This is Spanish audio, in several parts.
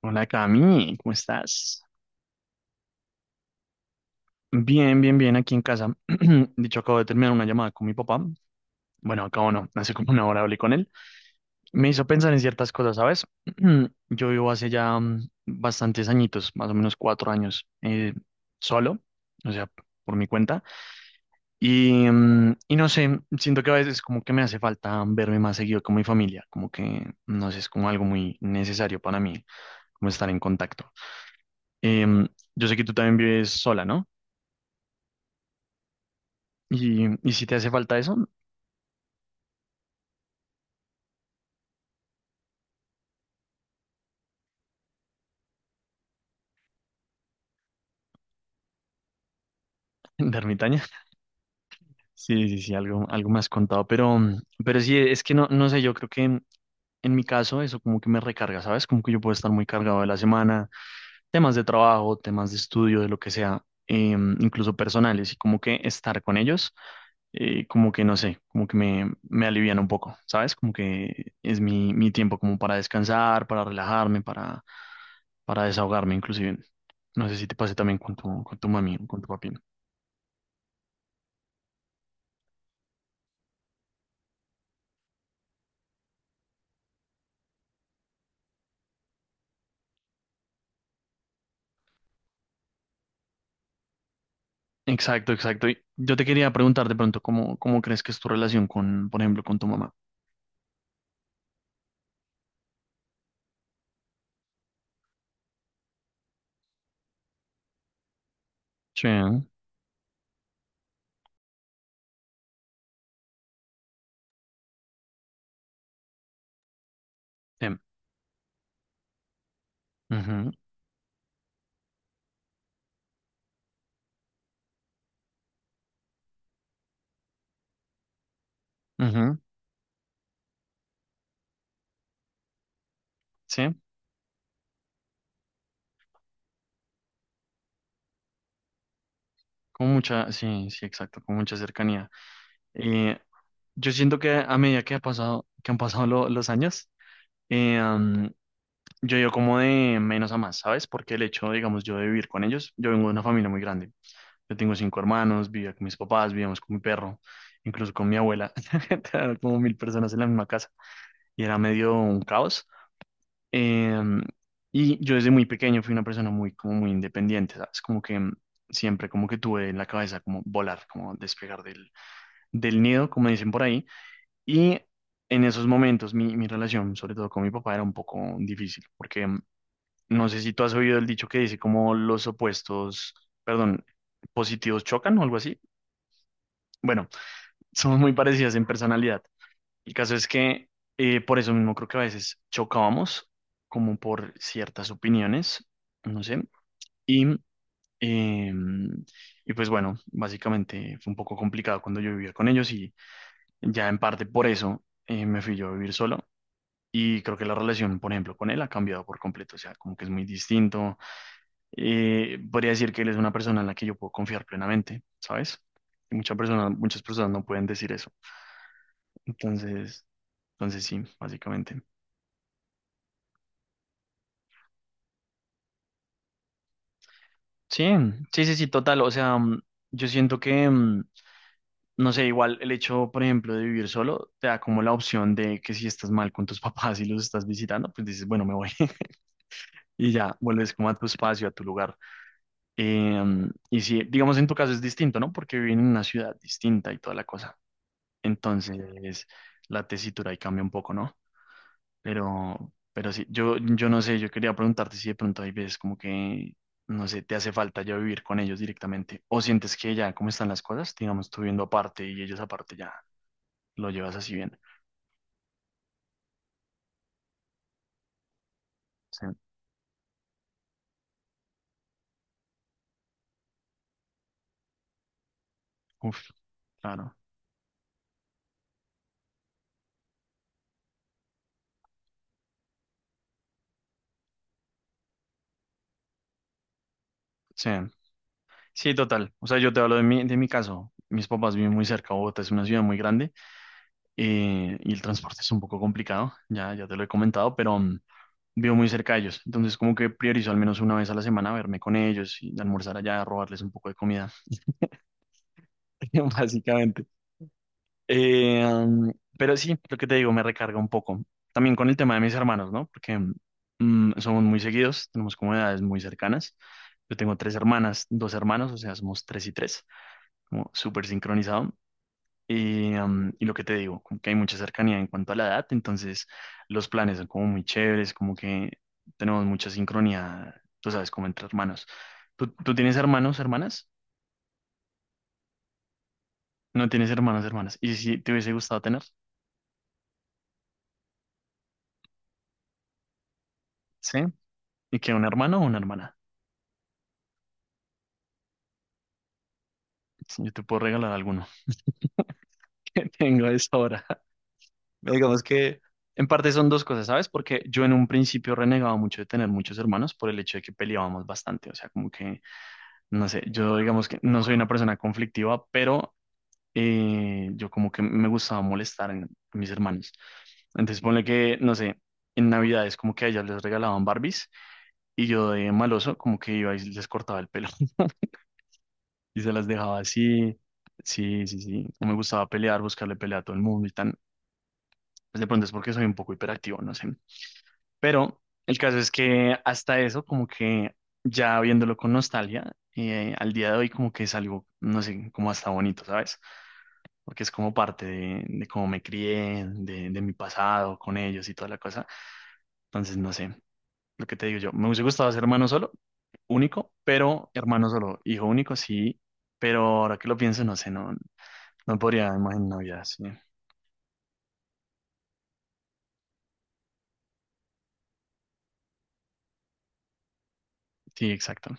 Hola Cami, ¿cómo estás? Bien, bien, bien, aquí en casa. Dicho, acabo de terminar una llamada con mi papá. Bueno, acabo no, hace como una hora hablé con él. Me hizo pensar en ciertas cosas, ¿sabes? Yo vivo hace ya bastantes añitos, más o menos 4 años, solo, o sea, por mi cuenta. Y no sé, siento que a veces como que me hace falta verme más seguido con mi familia, como que, no sé, es como algo muy necesario para mí, como estar en contacto. Em, yo sé que tú también vives sola, ¿no? Y si te hace falta eso, de ermitaña. Sí, sí, sí, algo más contado, pero, sí, es que no, no sé, yo creo que en mi caso eso como que me recarga, ¿sabes? Como que yo puedo estar muy cargado de la semana, temas de trabajo, temas de estudio, de lo que sea, incluso personales, y como que estar con ellos, como que no sé, como que me alivian un poco, ¿sabes? Como que es mi tiempo como para descansar, para relajarme, para desahogarme inclusive. No sé si te pase también con tu, mami o con tu papi. Exacto, exacto. Y yo te quería preguntar de pronto cómo crees que es tu relación con, por ejemplo, con tu mamá. Sí. Sí. Ujú, ujú. Sí, con mucha, sí, sí, exacto, con mucha cercanía. Eh, yo siento que a medida que han pasado los años, eh, um, yo he ido como de menos a más, ¿sabes? Porque el hecho, digamos, yo de vivir con ellos, yo vengo de una familia muy grande. Yo tengo cinco hermanos, vivía con mis papás, vivíamos con mi perro, incluso con mi abuela. Era como mil personas en la misma casa y era medio un caos. Em, y yo desde muy pequeño fui una persona muy, como muy independiente, ¿sabes? Como que siempre como que tuve en la cabeza como volar, como despegar del, nido, como dicen por ahí. Y en esos momentos mi relación, sobre todo con mi papá, era un poco difícil, porque no sé si tú has oído el dicho que dice como los opuestos, perdón, positivos chocan o algo así. Bueno, somos muy parecidas en personalidad. El caso es que por eso mismo creo que a veces chocábamos, como por ciertas opiniones, no sé. Y, eh, y pues bueno, básicamente fue un poco complicado cuando yo vivía con ellos y ya en parte por eso me fui yo a vivir solo. Y creo que la relación, por ejemplo, con él ha cambiado por completo, o sea, como que es muy distinto. Podría decir que él es una persona en la que yo puedo confiar plenamente, ¿sabes? Y muchas personas no pueden decir eso. Entonces, entonces, sí, básicamente. Sí, sí, sí, sí, total. O sea, yo siento que, no sé, igual el hecho, por ejemplo, de vivir solo, te da como la opción de que si estás mal con tus papás y los estás visitando, pues dices, bueno, me voy y ya vuelves como a tu espacio, a tu lugar. Y sí, digamos, en tu caso es distinto, ¿no? Porque viven en una ciudad distinta y toda la cosa. Entonces, la tesitura ahí cambia un poco, ¿no? Pero sí, yo no sé, yo quería preguntarte si de pronto hay veces como que, no sé, te hace falta ya vivir con ellos directamente, o sientes que ya, ¿cómo están las cosas? Digamos, tú viviendo aparte y ellos aparte ya, lo llevas así bien. Sí. Uf, claro. Sí, sí, total. O sea, yo te hablo de mi, caso. Mis papás viven muy cerca, Bogotá es una ciudad muy grande y el transporte es un poco complicado, ya te lo he comentado, pero vivo muy cerca de ellos. Entonces, como que priorizo al menos una vez a la semana verme con ellos y almorzar allá, robarles un poco de comida básicamente. Eh, um, pero sí, lo que te digo, me recarga un poco. También con el tema de mis hermanos, ¿no? Porque somos muy seguidos, tenemos como edades muy cercanas. Yo tengo tres hermanas, dos hermanos, o sea, somos tres y tres, como súper sincronizado. Y lo que te digo, como que hay mucha cercanía en cuanto a la edad, entonces los planes son como muy chéveres, como que tenemos mucha sincronía, tú sabes, como entre hermanos. ¿Tú tienes hermanos, hermanas? No tienes hermanos, hermanas. ¿Y si te hubiese gustado tener? Sí. ¿Y que un hermano o una hermana? Si yo te puedo regalar alguno que tengo a esa hora. Digamos que en parte son dos cosas, ¿sabes? Porque yo en un principio renegaba mucho de tener muchos hermanos por el hecho de que peleábamos bastante. O sea, como que, no sé, yo digamos que no soy una persona conflictiva, pero yo como que me gustaba molestar a mis hermanos. Entonces ponle que, no sé, en Navidades como que a ellas les regalaban Barbies y yo de maloso como que iba y les cortaba el pelo y se las dejaba así. Sí, sí, sí. No me gustaba pelear, buscarle pelea a todo el mundo y tan. Pues de pronto es porque soy un poco hiperactivo, no sé. Pero el caso es que hasta eso, como que ya viéndolo con nostalgia, al día de hoy como que es algo, no sé, como hasta bonito, ¿sabes? Porque es como parte de, cómo me crié, de mi pasado con ellos y toda la cosa. Entonces, no sé, lo que te digo yo, me hubiese gustado ser hermano solo, único, pero hermano solo, hijo único, sí, pero ahora que lo pienso, no sé, no, no podría imaginar, ya, sí. Sí, exacto,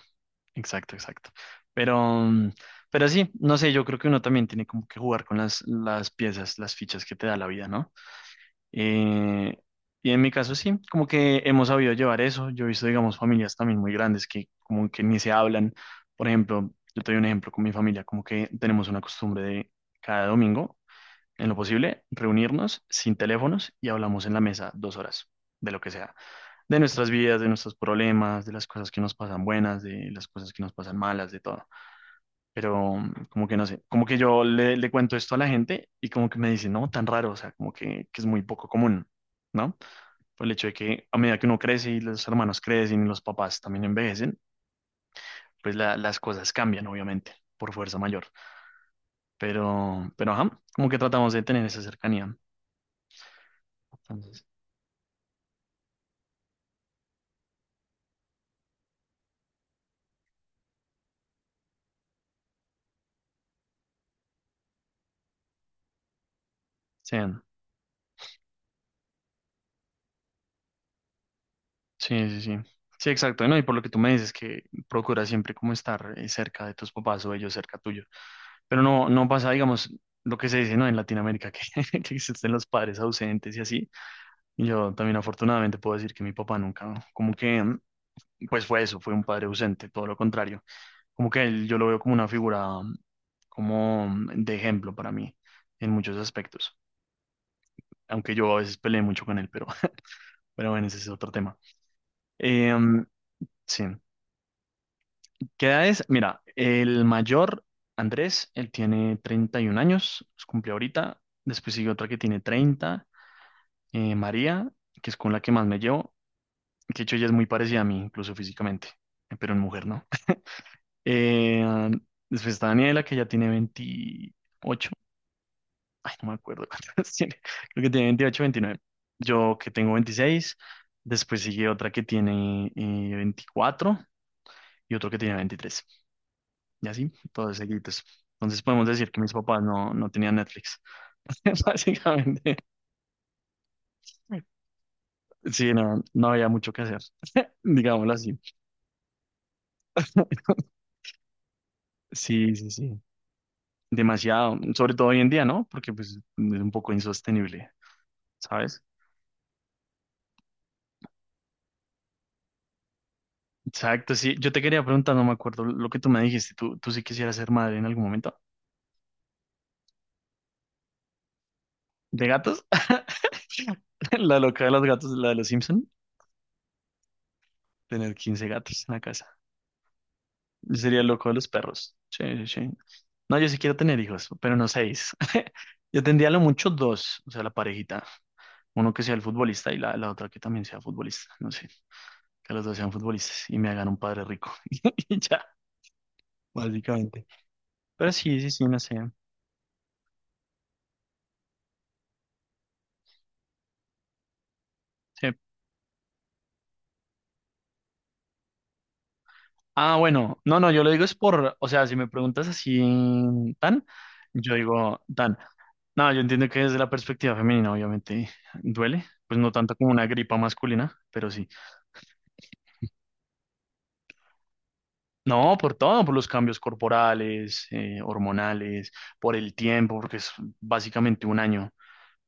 exacto, exacto. Pero, mm, pero sí, no sé, yo creo que uno también tiene como que jugar con las piezas, las fichas que te da la vida, ¿no? Eh, y en mi caso sí, como que hemos sabido llevar eso. Yo he visto, digamos, familias también muy grandes que como que ni se hablan. Por ejemplo, yo te doy un ejemplo con mi familia, como que tenemos una costumbre de cada domingo, en lo posible, reunirnos sin teléfonos y hablamos en la mesa 2 horas de lo que sea de nuestras vidas, de nuestros problemas, de las cosas que nos pasan buenas, de las cosas que nos pasan malas, de todo. Pero como que no sé, como que yo le cuento esto a la gente y como que me dicen, no, tan raro, o sea, como que es muy poco común, ¿no? Por el hecho de que a medida que uno crece y los hermanos crecen y los papás también envejecen, pues las cosas cambian, obviamente, por fuerza mayor. Pero, ajá, como que tratamos de tener esa cercanía. Entonces, sí. Sí, sí, sí. Sí, exacto. No, y por lo que tú me dices que procura siempre como estar cerca de tus papás o ellos cerca tuyo. Pero no, no pasa, digamos, lo que se dice, ¿no? En Latinoamérica, que, que existen los padres ausentes y así. Y yo también afortunadamente puedo decir que mi papá nunca, como que, pues fue eso, fue un padre ausente, todo lo contrario. Como que él, yo lo veo como una figura, como de ejemplo para mí, en muchos aspectos. Aunque yo a veces peleé mucho con él, pero, pero bueno, ese es otro tema. Eh, mm, sí. ¿Qué edad es? Mira, el mayor, Andrés, él tiene 31 años, los cumple ahorita. Después sigue otra que tiene 30, María, que es con la que más me llevo, que de hecho ella es muy parecida a mí, incluso físicamente, pero en mujer no. Eh, después está Daniela, que ya tiene 28, ay, no me acuerdo cuántas tiene, creo que tiene 28, 29. Yo que tengo 26. Después sigue otra que tiene 24 y otro que tiene 23. Y así, todos seguidos. Entonces podemos decir que mis papás no, no tenían Netflix. Básicamente, sí, no, no había mucho que hacer, digámoslo así. Sí, sí, sí, demasiado, sobre todo hoy en día, ¿no? Porque pues es un poco insostenible, ¿sabes? Exacto, sí. Yo te quería preguntar, no me acuerdo lo que tú me dijiste. ¿Tú sí quisieras ser madre en algún momento? ¿De gatos? La loca de los gatos, la de los Simpson. Tener 15 gatos en la casa. Yo sería el loco de los perros. Sí, sí, sí. No, yo sí quiero tener hijos, pero no seis. Yo tendría a lo mucho dos, o sea, la parejita. Uno que sea el futbolista y la otra que también sea futbolista. No sé, que los dos sean futbolistas y me hagan un padre rico. Y ya, básicamente. Pero sí, sí, sí, no sé. Sí. Ah, bueno, no, no, yo lo digo es por, o sea, si me preguntas así, tan, yo digo, tan. No, yo entiendo que desde la perspectiva femenina, obviamente, duele. Pues no tanto como una gripa masculina, pero sí. No, por todo, por los cambios corporales, hormonales, por el tiempo, porque es básicamente un año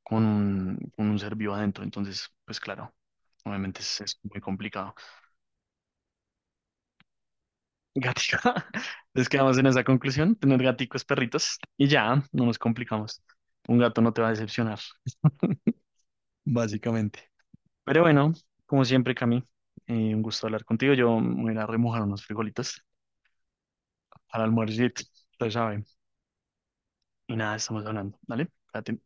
con un, ser vivo adentro. Entonces, pues claro, obviamente es muy complicado. Gatica, les quedamos en esa conclusión, tener gaticos, perritos, y ya, no nos complicamos. Un gato no te va a decepcionar, básicamente. Pero bueno, como siempre, Cami, un gusto hablar contigo. Yo me voy a ir a remojar unos frijolitos al almuerzo, ya saben. Y nada, estamos hablando, ¿vale? Cuídate.